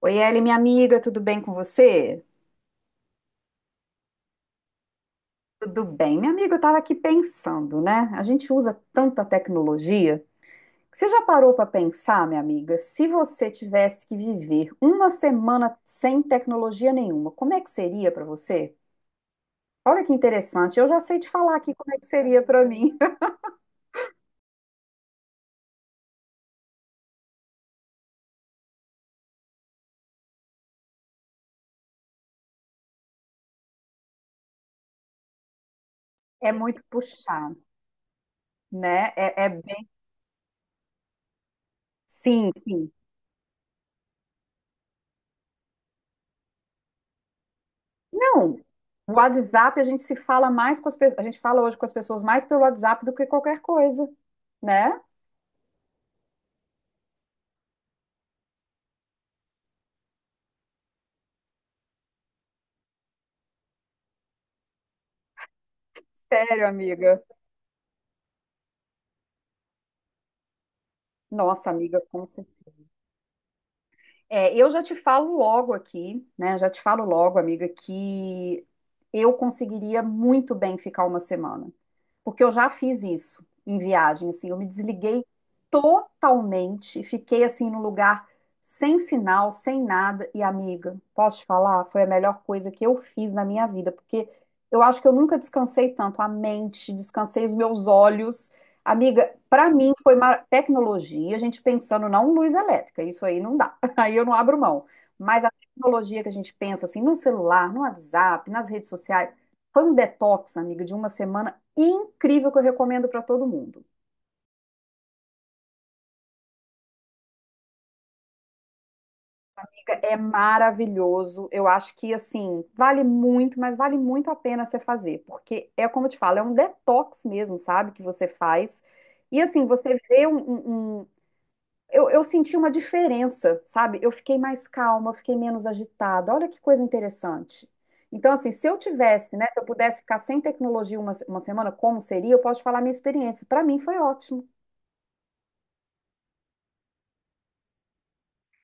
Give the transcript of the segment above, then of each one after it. Oi, Eli, minha amiga, tudo bem com você? Tudo bem. Minha amiga, eu estava aqui pensando, né? A gente usa tanta tecnologia que Você já parou para pensar, minha amiga, se você tivesse que viver uma semana sem tecnologia nenhuma, como é que seria para você? Olha que interessante, eu já sei te falar aqui como é que seria para mim. É muito puxado, né? É bem... Sim, sim. Não, o WhatsApp a gente se fala mais com as pessoas, a gente fala hoje com as pessoas mais pelo WhatsApp do que qualquer coisa, né? Sério, amiga. Nossa, amiga, como se... É, eu já te falo logo aqui, né? Já te falo logo, amiga, que eu conseguiria muito bem ficar uma semana, porque eu já fiz isso em viagem, assim, eu me desliguei totalmente, fiquei assim no lugar sem sinal, sem nada, e amiga, posso te falar, foi a melhor coisa que eu fiz na minha vida, porque eu acho que eu nunca descansei tanto a mente, descansei os meus olhos. Amiga, para mim foi tecnologia, a gente pensando não em luz elétrica, isso aí não dá, aí eu não abro mão. Mas a tecnologia que a gente pensa assim, no celular, no WhatsApp, nas redes sociais, foi um detox, amiga, de uma semana incrível que eu recomendo para todo mundo. É maravilhoso. Eu acho que assim, vale muito, mas vale muito a pena você fazer, porque é como eu te falo, é um detox mesmo, sabe, que você faz. E assim, você vê eu senti uma diferença, sabe? Eu fiquei mais calma, eu fiquei menos agitada. Olha que coisa interessante. Então, assim, se eu tivesse, né, se eu pudesse ficar sem tecnologia uma semana, como seria? Eu posso te falar a minha experiência. Para mim foi ótimo.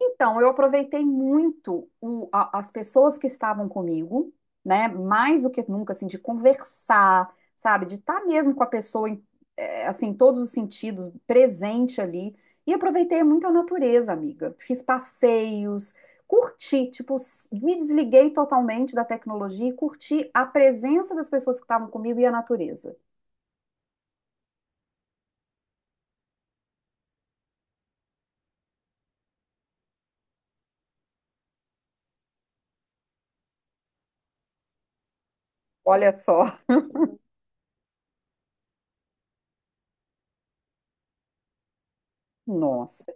Então, eu aproveitei muito as pessoas que estavam comigo, né? Mais do que nunca, assim, de conversar, sabe? De estar mesmo com a pessoa, em, assim, em todos os sentidos, presente ali. E aproveitei muito a natureza, amiga. Fiz passeios, curti, tipo, me desliguei totalmente da tecnologia e curti a presença das pessoas que estavam comigo e a natureza. Olha só, nossa.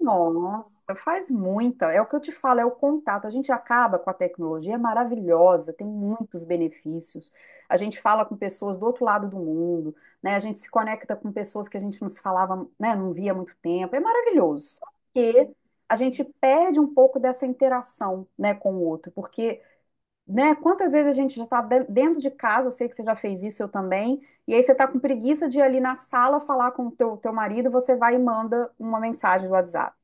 Nossa, faz muita. É o que eu te falo, é o contato. A gente acaba com a tecnologia, é maravilhosa, tem muitos benefícios. A gente fala com pessoas do outro lado do mundo, né? A gente se conecta com pessoas que a gente não se falava, né? Não via há muito tempo. É maravilhoso. Só que a gente perde um pouco dessa interação, né, com o outro, porque, né? Quantas vezes a gente já está dentro de casa? Eu sei que você já fez isso, eu também. E aí você tá com preguiça de ir ali na sala falar com o teu marido, você vai e manda uma mensagem do WhatsApp.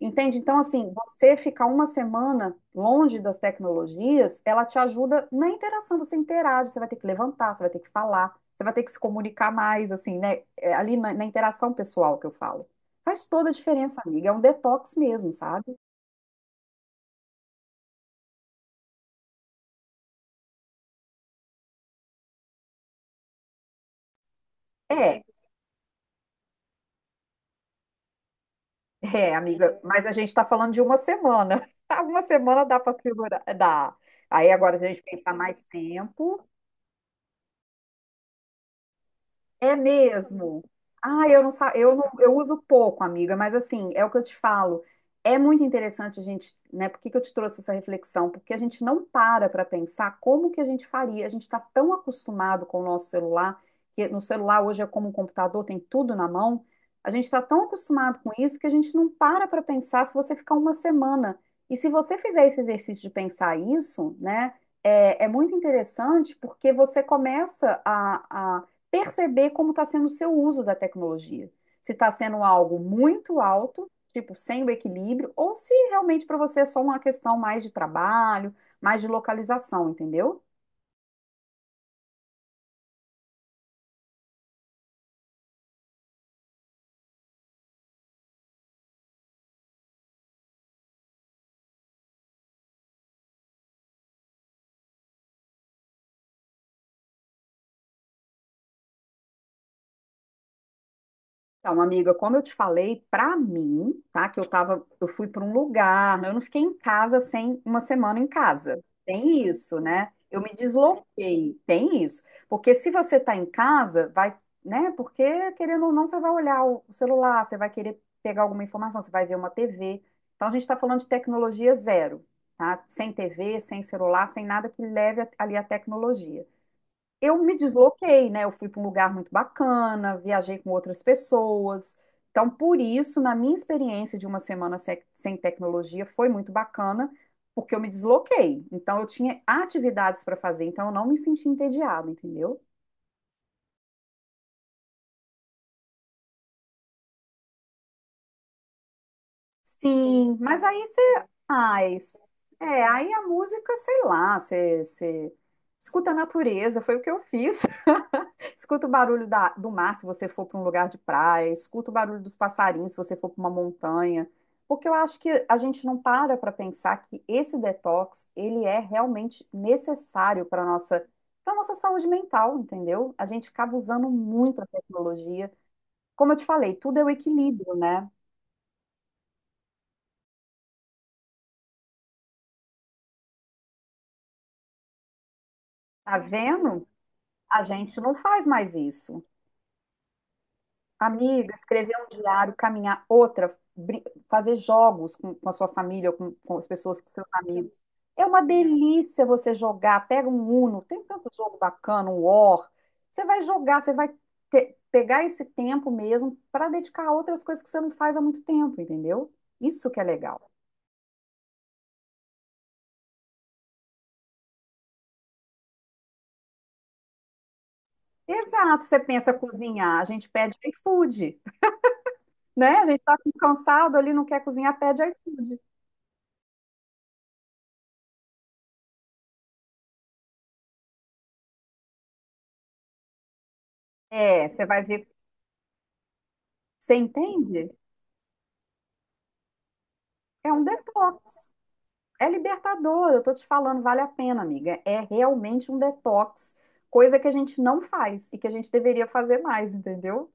Entende? Então, assim, você ficar uma semana longe das tecnologias, ela te ajuda na interação, você interage, você vai ter que levantar, você vai ter que falar, você vai ter que se comunicar mais, assim, né? É ali na interação pessoal que eu falo. Faz toda a diferença, amiga. É um detox mesmo, sabe? É, amiga, mas a gente está falando de uma semana. Uma semana dá para figurar, dá. Aí agora, se a gente pensar mais tempo. É mesmo. Ah, eu não, eu uso pouco, amiga, mas assim, é o que eu te falo. É muito interessante a gente, né? Por que que eu te trouxe essa reflexão? Porque a gente não para para pensar como que a gente faria. A gente está tão acostumado com o nosso celular, que no celular hoje é como um computador, tem tudo na mão. A gente está tão acostumado com isso que a gente não para para pensar se você ficar uma semana. E se você fizer esse exercício de pensar isso, né? É muito interessante porque você começa a perceber como está sendo o seu uso da tecnologia. Se está sendo algo muito alto, tipo, sem o equilíbrio, ou se realmente para você é só uma questão mais de trabalho, mais de localização, entendeu? Então, amiga, como eu te falei, pra mim, tá? Que eu tava, eu fui pra um lugar, eu não fiquei em casa sem uma semana em casa. Tem isso, né? Eu me desloquei, tem isso. Porque se você tá em casa, vai, né? Porque querendo ou não, você vai olhar o celular, você vai querer pegar alguma informação, você vai ver uma TV. Então, a gente tá falando de tecnologia zero, tá? Sem TV, sem celular, sem nada que leve ali a tecnologia. Eu me desloquei, né? Eu fui para um lugar muito bacana, viajei com outras pessoas. Então, por isso, na minha experiência de uma semana sem tecnologia, foi muito bacana, porque eu me desloquei. Então, eu tinha atividades para fazer, então eu não me senti entediada, entendeu? Sim, mas aí você. Ai, é, aí a música, sei lá, você escuta a natureza, foi o que eu fiz. Escuta o barulho do mar se você for para um lugar de praia, escuta o barulho dos passarinhos se você for para uma montanha, porque eu acho que a gente não para para pensar que esse detox, ele é realmente necessário para nossa saúde mental, entendeu? A gente acaba usando muito a tecnologia. Como eu te falei, tudo é o equilíbrio, né? Tá vendo? A gente não faz mais isso. Amiga, escrever um diário, caminhar, outra, fazer jogos com a sua família, ou com as pessoas, com seus amigos. É uma delícia você jogar. Pega um Uno, tem tanto jogo bacana, um War. Você vai jogar, você vai pegar esse tempo mesmo para dedicar a outras coisas que você não faz há muito tempo, entendeu? Isso que é legal. Exato, você pensa cozinhar, a gente pede iFood, né? A gente tá cansado ali, não quer cozinhar, pede iFood. É, você vai ver, você entende? É um detox. É libertador, eu tô te falando, vale a pena, amiga. É realmente um detox, coisa que a gente não faz e que a gente deveria fazer mais, entendeu?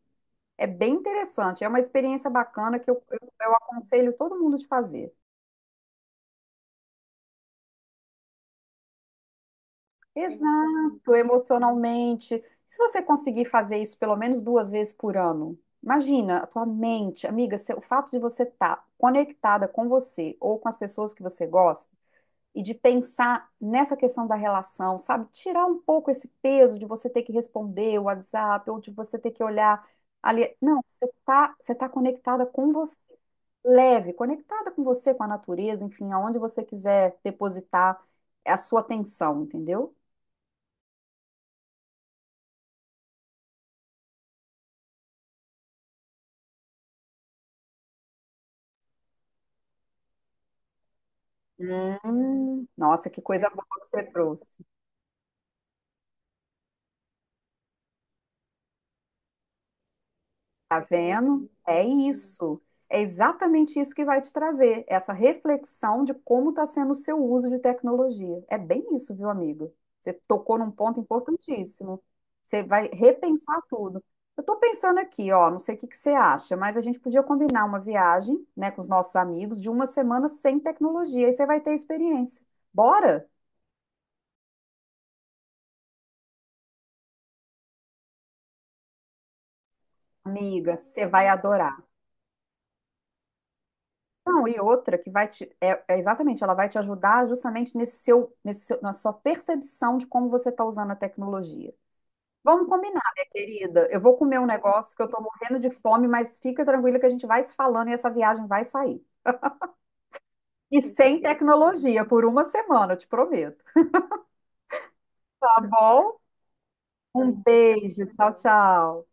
É bem interessante, é uma experiência bacana que eu aconselho todo mundo de fazer. Exato, emocionalmente. Se você conseguir fazer isso pelo menos duas vezes por ano, imagina a tua mente, amiga, o fato de você estar conectada com você ou com as pessoas que você gosta e de pensar nessa questão da relação, sabe? Tirar um pouco esse peso de você ter que responder o WhatsApp ou de você ter que olhar ali. Não, você tá conectada com você, leve, conectada com você, com a natureza, enfim, aonde você quiser depositar a sua atenção, entendeu? Nossa, que coisa boa que você trouxe. Tá vendo? É isso. É exatamente isso que vai te trazer, essa reflexão de como está sendo o seu uso de tecnologia. É bem isso, viu, amigo? Você tocou num ponto importantíssimo. Você vai repensar tudo. Eu estou pensando aqui, ó, não sei o que que você acha, mas a gente podia combinar uma viagem, né, com os nossos amigos de uma semana sem tecnologia, aí você vai ter experiência. Bora? Amiga, você vai adorar. Não, e outra que vai te. É exatamente, ela vai te ajudar justamente na sua percepção de como você está usando a tecnologia. Vamos combinar, minha querida. Eu vou comer um negócio que eu estou morrendo de fome, mas fica tranquila que a gente vai se falando e essa viagem vai sair. E sem tecnologia, por uma semana, eu te prometo. Tá bom? Um beijo. Tchau, tchau.